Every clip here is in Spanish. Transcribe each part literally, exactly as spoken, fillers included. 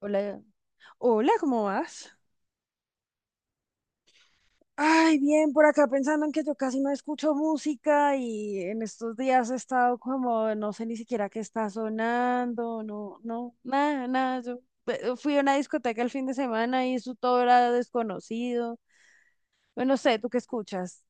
Hola, hola, ¿cómo vas? Ay, bien, por acá pensando en que yo casi no escucho música y en estos días he estado como, no sé ni siquiera qué está sonando, no, no, nada, nada. Yo eh, fui a una discoteca el fin de semana y eso todo era desconocido. Bueno, no sé, ¿tú qué escuchas?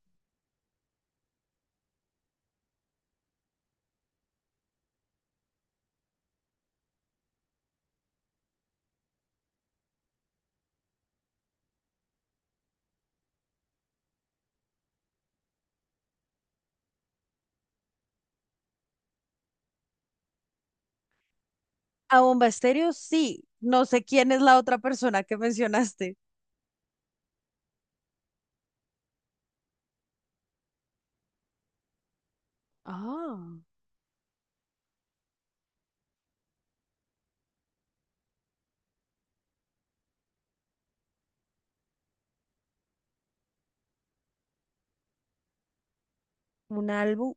A Bomba Estéreo, sí. No sé quién es la otra persona que mencionaste. Ah, un álbum.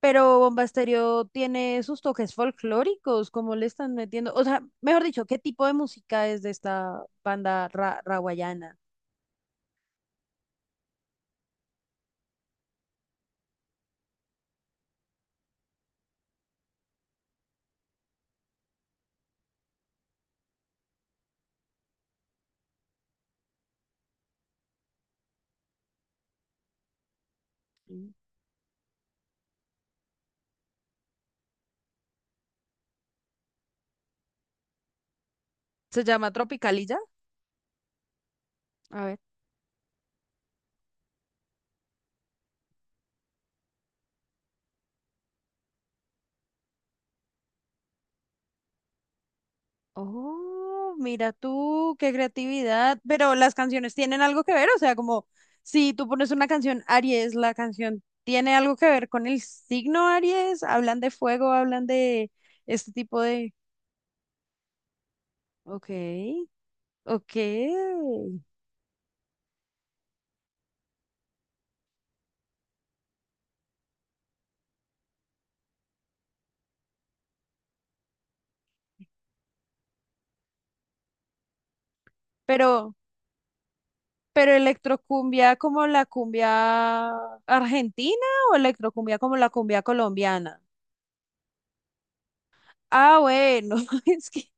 Pero Bomba Estéreo tiene sus toques folclóricos, ¿cómo le están metiendo? O sea, mejor dicho, ¿qué tipo de música es de esta banda ra rawayana? Mm. ¿Se llama Tropicalilla? A ver. Oh, mira tú, qué creatividad. Pero las canciones tienen algo que ver, o sea, como si tú pones una canción Aries, la canción tiene algo que ver con el signo Aries, hablan de fuego, hablan de este tipo de... Ok, ok. Pero... Pero electrocumbia como la cumbia argentina o electrocumbia como la cumbia colombiana. Ah, bueno, es que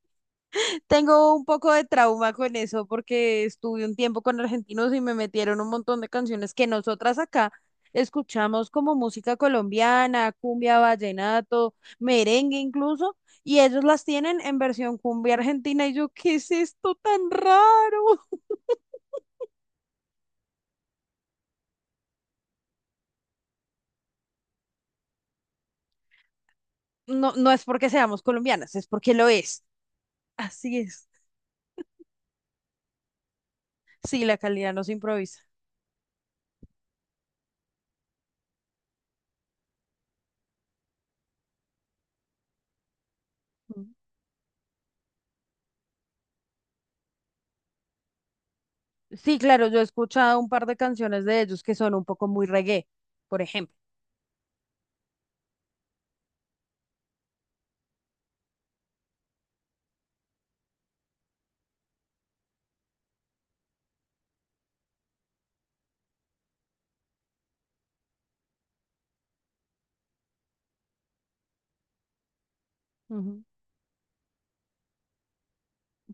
tengo un poco de trauma con eso porque estuve un tiempo con argentinos y me metieron un montón de canciones que nosotras acá escuchamos como música colombiana, cumbia, vallenato, merengue incluso, y ellos las tienen en versión cumbia argentina y yo, ¿qué es esto tan raro? No, no es porque seamos colombianas, es porque lo es. Así es. Sí, la calidad no se improvisa. Mm. Sí, claro, yo he escuchado un par de canciones de ellos que son un poco muy reggae, por ejemplo. Ujú.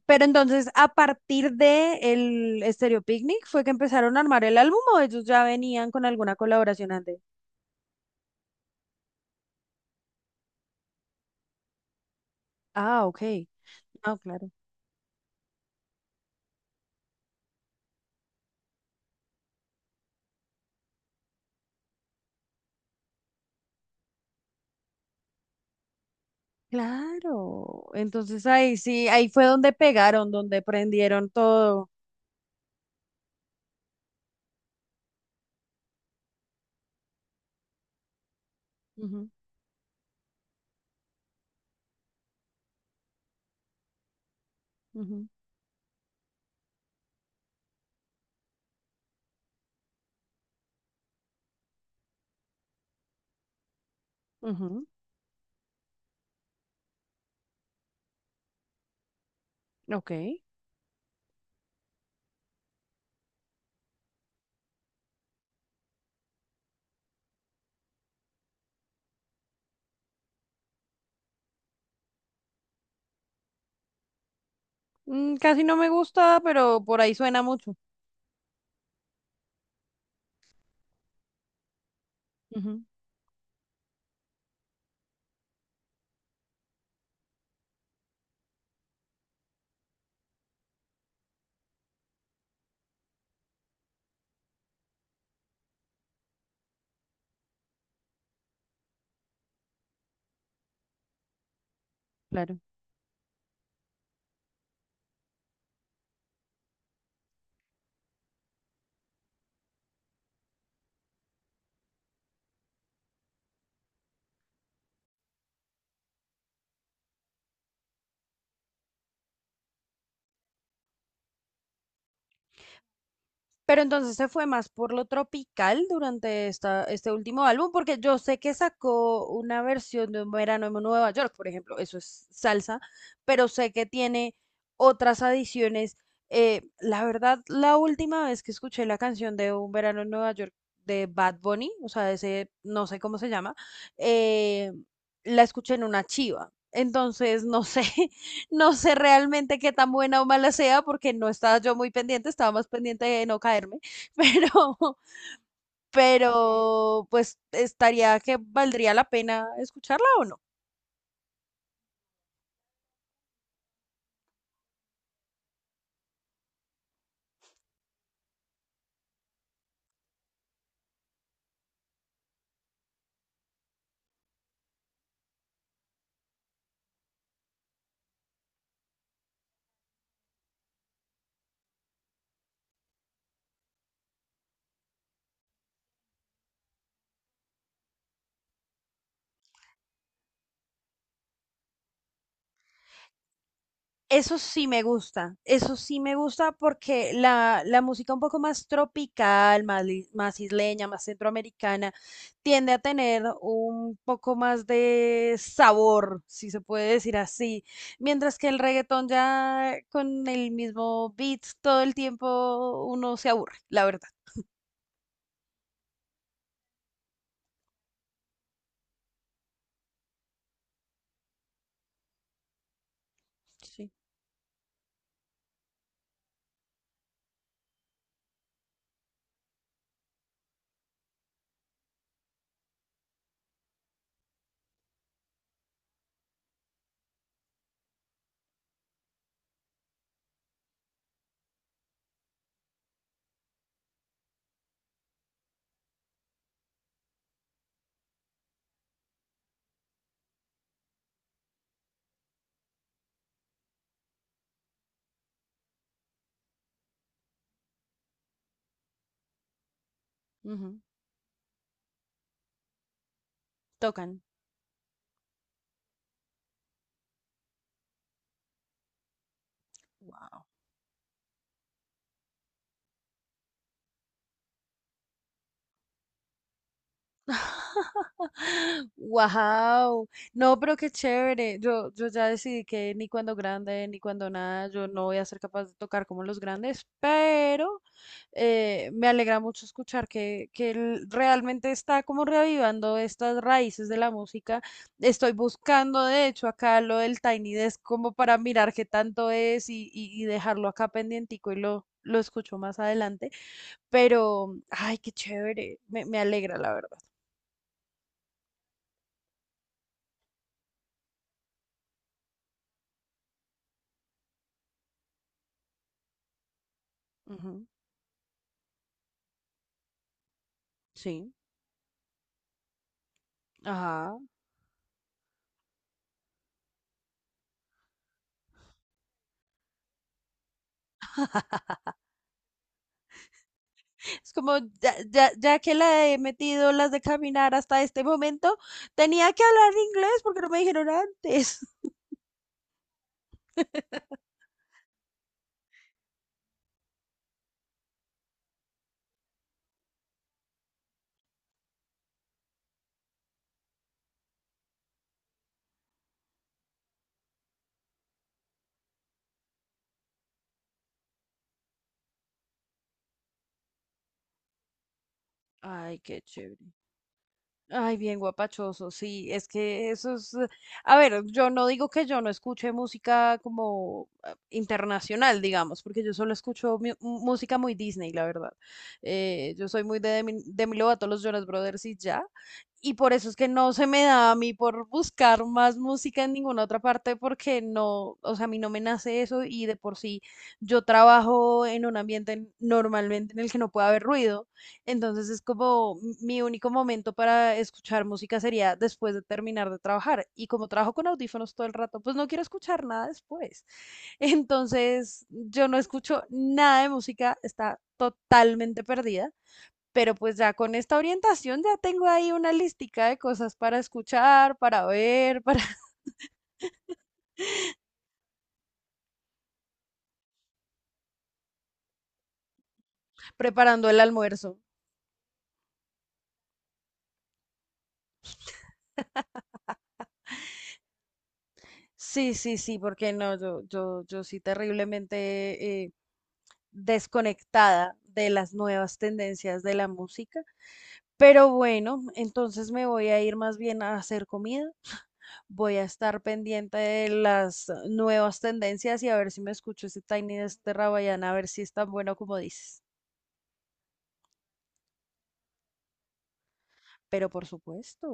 Pero entonces, a partir de el Stereo Picnic, ¿fue que empezaron a armar el álbum o ellos ya venían con alguna colaboración antes? Ah, ok. Ah, claro. Claro. Entonces ahí sí, ahí fue donde pegaron, donde prendieron todo. Ujú, ujú, ujú. Ok. Mm, casi no me gusta, pero por ahí suena mucho. Ujú, claro. Pero entonces se fue más por lo tropical durante esta, este último álbum, porque yo sé que sacó una versión de Un verano en Nueva York, por ejemplo, eso es salsa, pero sé que tiene otras adiciones. Eh, la verdad, la última vez que escuché la canción de Un verano en Nueva York de Bad Bunny, o sea, ese no sé cómo se llama, eh, la escuché en una chiva. Entonces, no sé no sé realmente qué tan buena o mala sea porque no estaba yo muy pendiente, estaba más pendiente de no caerme, pero, pero pues estaría que valdría la pena escucharla o no. Eso sí me gusta, eso sí me gusta porque la, la música un poco más tropical, más, li- más isleña, más centroamericana, tiende a tener un poco más de sabor, si se puede decir así, mientras que el reggaetón ya con el mismo beat todo el tiempo uno se aburre, la verdad. Sí, ujú, tocan. Wow, no, pero qué chévere. Yo, yo ya decidí que ni cuando grande ni cuando nada, yo no voy a ser capaz de tocar como los grandes, pero eh, me alegra mucho escuchar que, que él realmente está como reavivando estas raíces de la música. Estoy buscando, de hecho, acá lo del Tiny Desk como para mirar qué tanto es y, y, y dejarlo acá pendientico y lo, lo escucho más adelante. Pero, ay, qué chévere. Me, me alegra, la verdad. Ujú. Sí. Ajá. Es como, ya, ya, ya que la he metido las de caminar hasta este momento, tenía que hablar inglés porque no me dijeron antes. Ay, qué chévere. Ay, bien guapachoso, sí, es que eso es, eh, a ver, yo no digo que yo no escuche música como ah, internacional, digamos, porque yo solo escucho mu- música muy Disney, la verdad. Eh, yo soy muy de Demi, Demi Lovato, los Jonas Brothers y ya, y por eso es que no se me da a mí por buscar más música en ninguna otra parte, porque no, o sea, a mí no me nace eso y de por sí yo trabajo en un ambiente normalmente en el que no puede haber ruido. Entonces es como mi único momento para escuchar música sería después de terminar de trabajar. Y como trabajo con audífonos todo el rato, pues no quiero escuchar nada después. Entonces yo no escucho nada de música, está totalmente perdida. Pero pues ya con esta orientación ya tengo ahí una listica de cosas para escuchar, para ver, para preparando el almuerzo. Sí, sí, sí, porque no, yo, yo, yo sí terriblemente eh, desconectada de las nuevas tendencias de la música. Pero bueno, entonces me voy a ir más bien a hacer comida. Voy a estar pendiente de las nuevas tendencias y a ver si me escucho ese Tiny de este Rabayana, a ver si es tan bueno como dices. Pero por supuesto,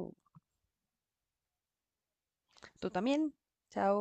tú también. Chao.